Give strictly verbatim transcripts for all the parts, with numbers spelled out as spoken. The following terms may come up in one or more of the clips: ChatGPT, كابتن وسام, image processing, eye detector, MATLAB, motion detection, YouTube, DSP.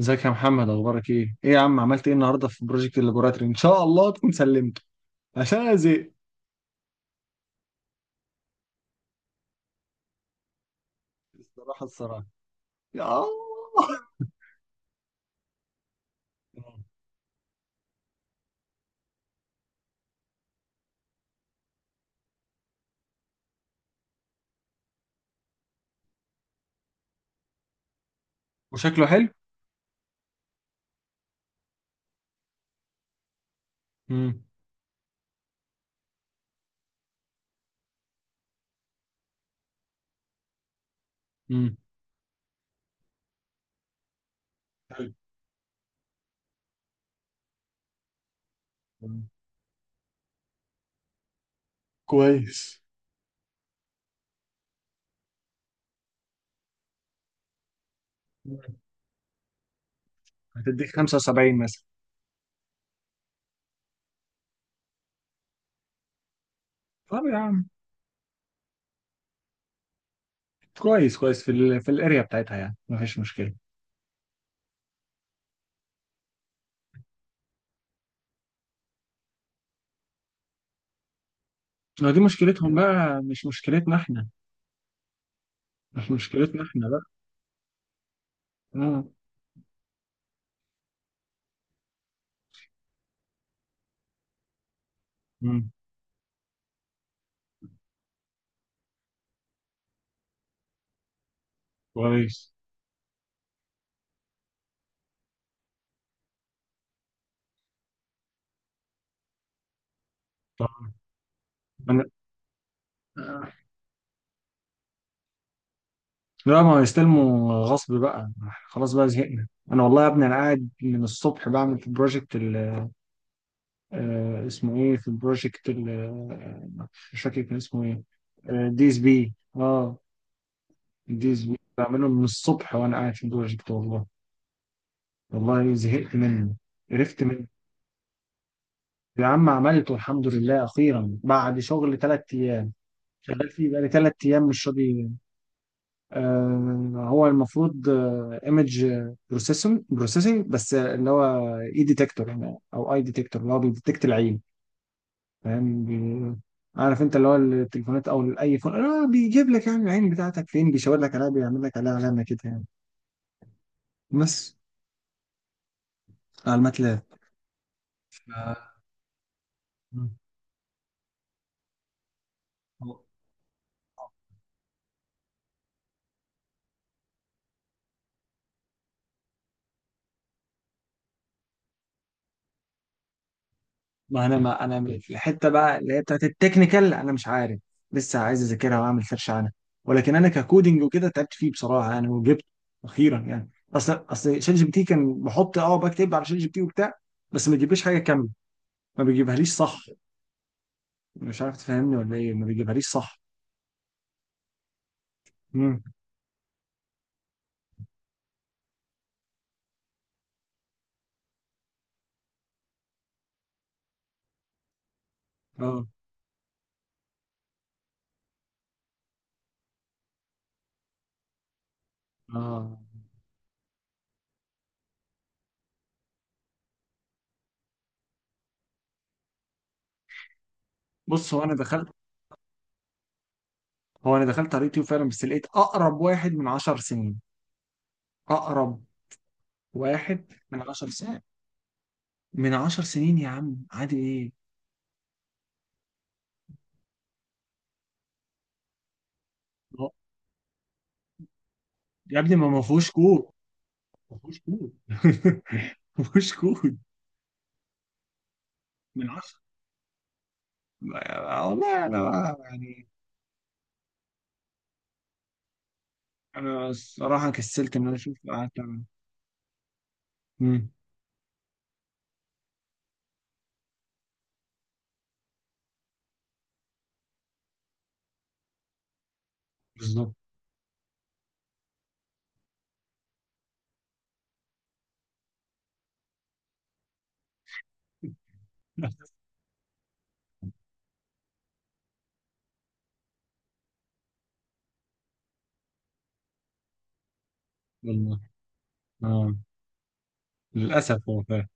ازيك يا محمد، اخبارك ايه؟ ايه يا عم، عملت ايه النهارده في بروجكت اللابوراتوري؟ ان شاء الله تكون سلمته عشان انا زهقت. الصراحه الصراحه يا الله. وشكله حلو؟ امم امم حلو. مم. كويس. مم. هتديك خمس وسبعين مثلا. طب يا عم، كويس كويس في ال في الاريا بتاعتها يعني مفيش مشكله. ما دي مشكلتهم بقى، مش مشكلتنا احنا، مش مشكلتنا احنا بقى. امم امم كويس. طب انا. لا، ما هو يستلموا غصب بقى. خلاص بقى زهقنا. انا والله يا ابني، انا قاعد من الصبح بعمل في البروجكت ال- آه، اسمه ايه، في البروجكت ال- آه، مش فاكر كان اسمه ايه. دي اس بي. اه، دي اس بي بعمله من الصبح وانا قاعد في البروجكت والله. والله زهقت منه، قرفت منه. يا عم عملته الحمد لله اخيرا بعد شغل ثلاث ايام. شغال فيه بقالي ثلاث ايام مش راضي. آه، هو المفروض ايمج بروسيسنج بروسيسنج، بس اللي هو اي ديتكتور يعني، او اي ديتكتور اللي هو بيديتكت العين، فاهم. بي- عارف انت اللي هو التليفونات او اي فون، آه بيجيب لك يعني العين بتاعتك فين، بيشاور لك عليها، بيعمل لك عليها علامه كده يعني، بس على الماتلاب. ف... ما انا ما انا في الحته بقى اللي هي بتاعت التكنيكال، انا مش عارف، لسه عايز اذاكرها واعمل سيرش عنها. ولكن انا ككودنج وكده تعبت فيه بصراحه يعني، وجبت اخيرا يعني. اصل اصل شات جي بي تي كان بحط اه بكتب على شات جي بي تي وبتاع، بس ما بيجيبليش حاجه كامله. ما بيجيبهاليش صح، مش عارف تفهمني ولا ايه؟ ما بيجيبهاليش صح. امم. اه. اه بص، هو انا دخلت هو انا دخلت على اليوتيوب فعلا بس لقيت اقرب واحد من عشر سنين. اقرب واحد من عشر سنين. من عشر سنين يا عم، عادي ايه. يا ابني ما ما فيهوش كود. ما فيهوش كود ما فيهوش كود. من عشرة. ما- والله، انا بقى يعني، انا الصراحه كسلت ان انا اشوف، قعدت اعمل. مم. بالظبط. والله. اه. للاسف هو فاهم.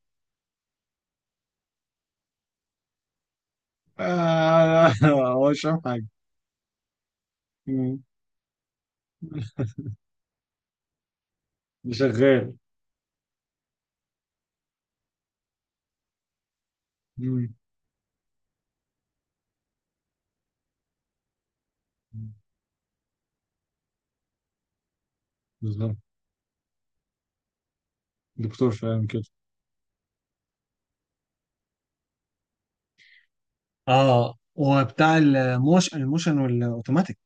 آه، هو مش فاهم حاجه. مم. ده شغال. مم. بالظبط. دكتور فاهم كده. اه وبتاع الموش الموشن والاوتوماتيك،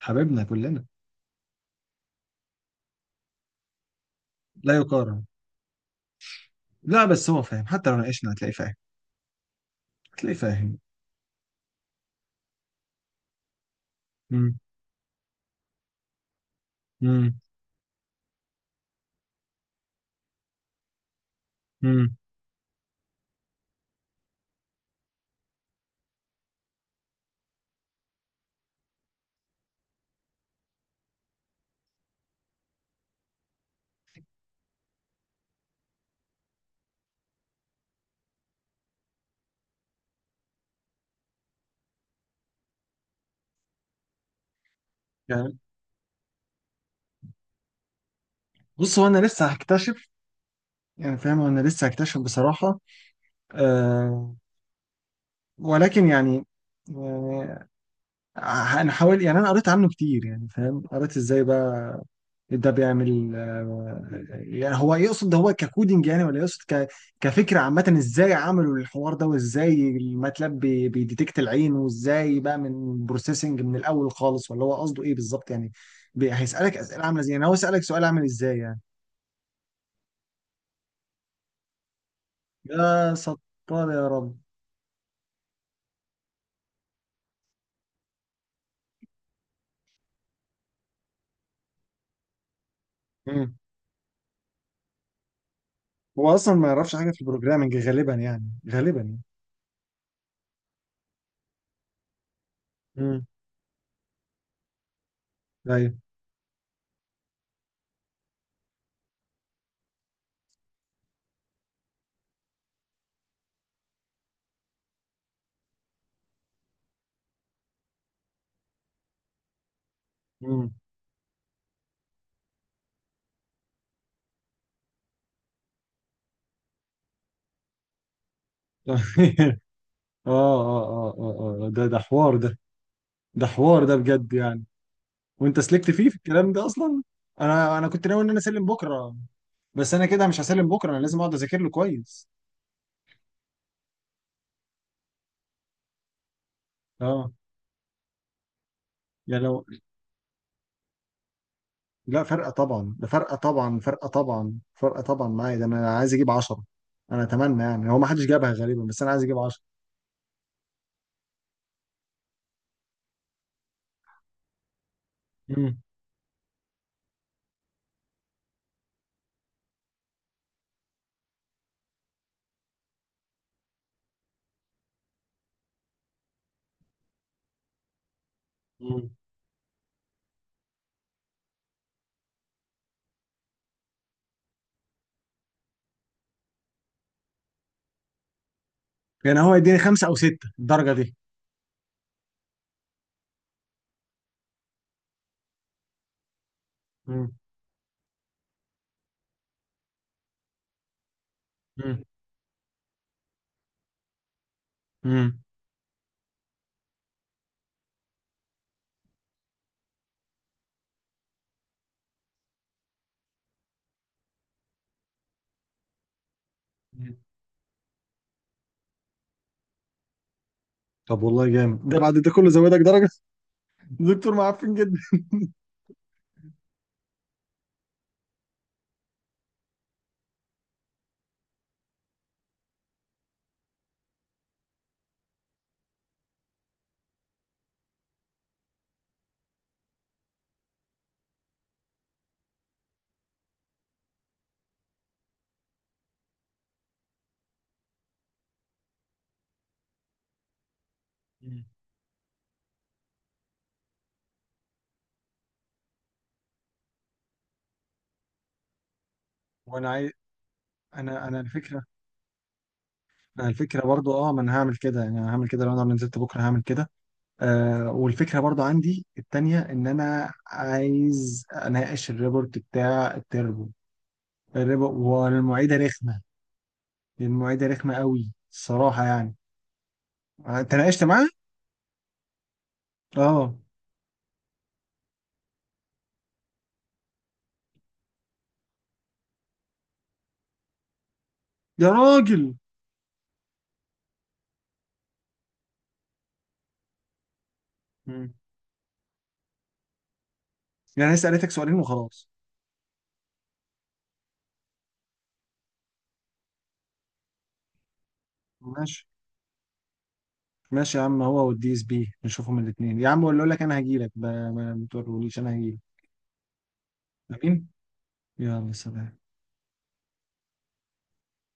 حبيبنا كلنا. لا يقارن. لا بس هو فاهم، حتى لو ناقشنا هتلاقيه فاهم، هتلاقيه فاهم. مم. مم. مم. يعني بص، هو انا لسه هكتشف، يعني فاهم، انا لسه هكتشف بصراحة. أه. ولكن يعني، يعني ه- انا حاول يعني، انا قريت عنه كتير يعني، فاهم قريت ازاي بقى ده بيعمل، آه، يعني هو يقصد ده هو ككودينج يعني، ولا يقصد ك كفكرة عامة، ازاي عملوا الحوار ده، وازاي الماتلاب بي- بيديتكت العين، وازاي بقى من بروسيسنج من الاول خالص، ولا هو قصده ايه بالظبط يعني. بي- هيسألك اسئلة عاملة ازاي يعني؟ هو سألك سؤال عامل ازاي يعني؟ يا ستار يا رب. مم. هو اصلا ما يعرفش حاجه في البروجرامنج غالبا يعني، غالبا يعني. امم. ايوه. مم. اه اه اه اه اه، ده ده حوار ده، ده حوار ده بجد يعني. وانت سلكت فيه في الكلام ده اصلا. انا انا كنت ناوي ان انا اسلم بكره، بس انا كده مش هسلم بكره، انا لازم اقعد اذاكر له كويس. اه يعني لو. لا، فرقه طبعا، ده فرقه طبعا، فرقه طبعا، فرقه طبعا معايا ده، انا عايز اجيب عشرة. انا اتمنى يعني، هو ما حدش جابها غالبا بس انا عايز اجيب عشرة. يعني هو يديني خمسة أو ستة الدرجة دي. مم. مم. مم. مم. طب والله جامد، ده ده بعد ده كله زودك درجة. دكتور معفن جدا. مم. وأنا عايز. أنا أنا الفكرة. أنا الفكرة برضو. أه، ما أنا هعمل كده يعني، أنا هعمل كده لو أنا نزلت بكرة هعمل كده. آه والفكرة برضو عندي التانية، إن أنا عايز أناقش الريبورت بتاع التربو. الريبو. والمعيدة رخمة، المعيدة رخمة قوي الصراحة يعني. آه، تناقشت معاها؟ أه. يا راجل. مم. يعني أنا لسه قالتك سؤالين وخلاص. ماشي، ماشي يا عم، هو والدي اس بي نشوفهم الاثنين. يا عم اقول لك، انا هجيلك. ب- ما ما تقولوليش، انا هجيلك. امين. يلا، سلام.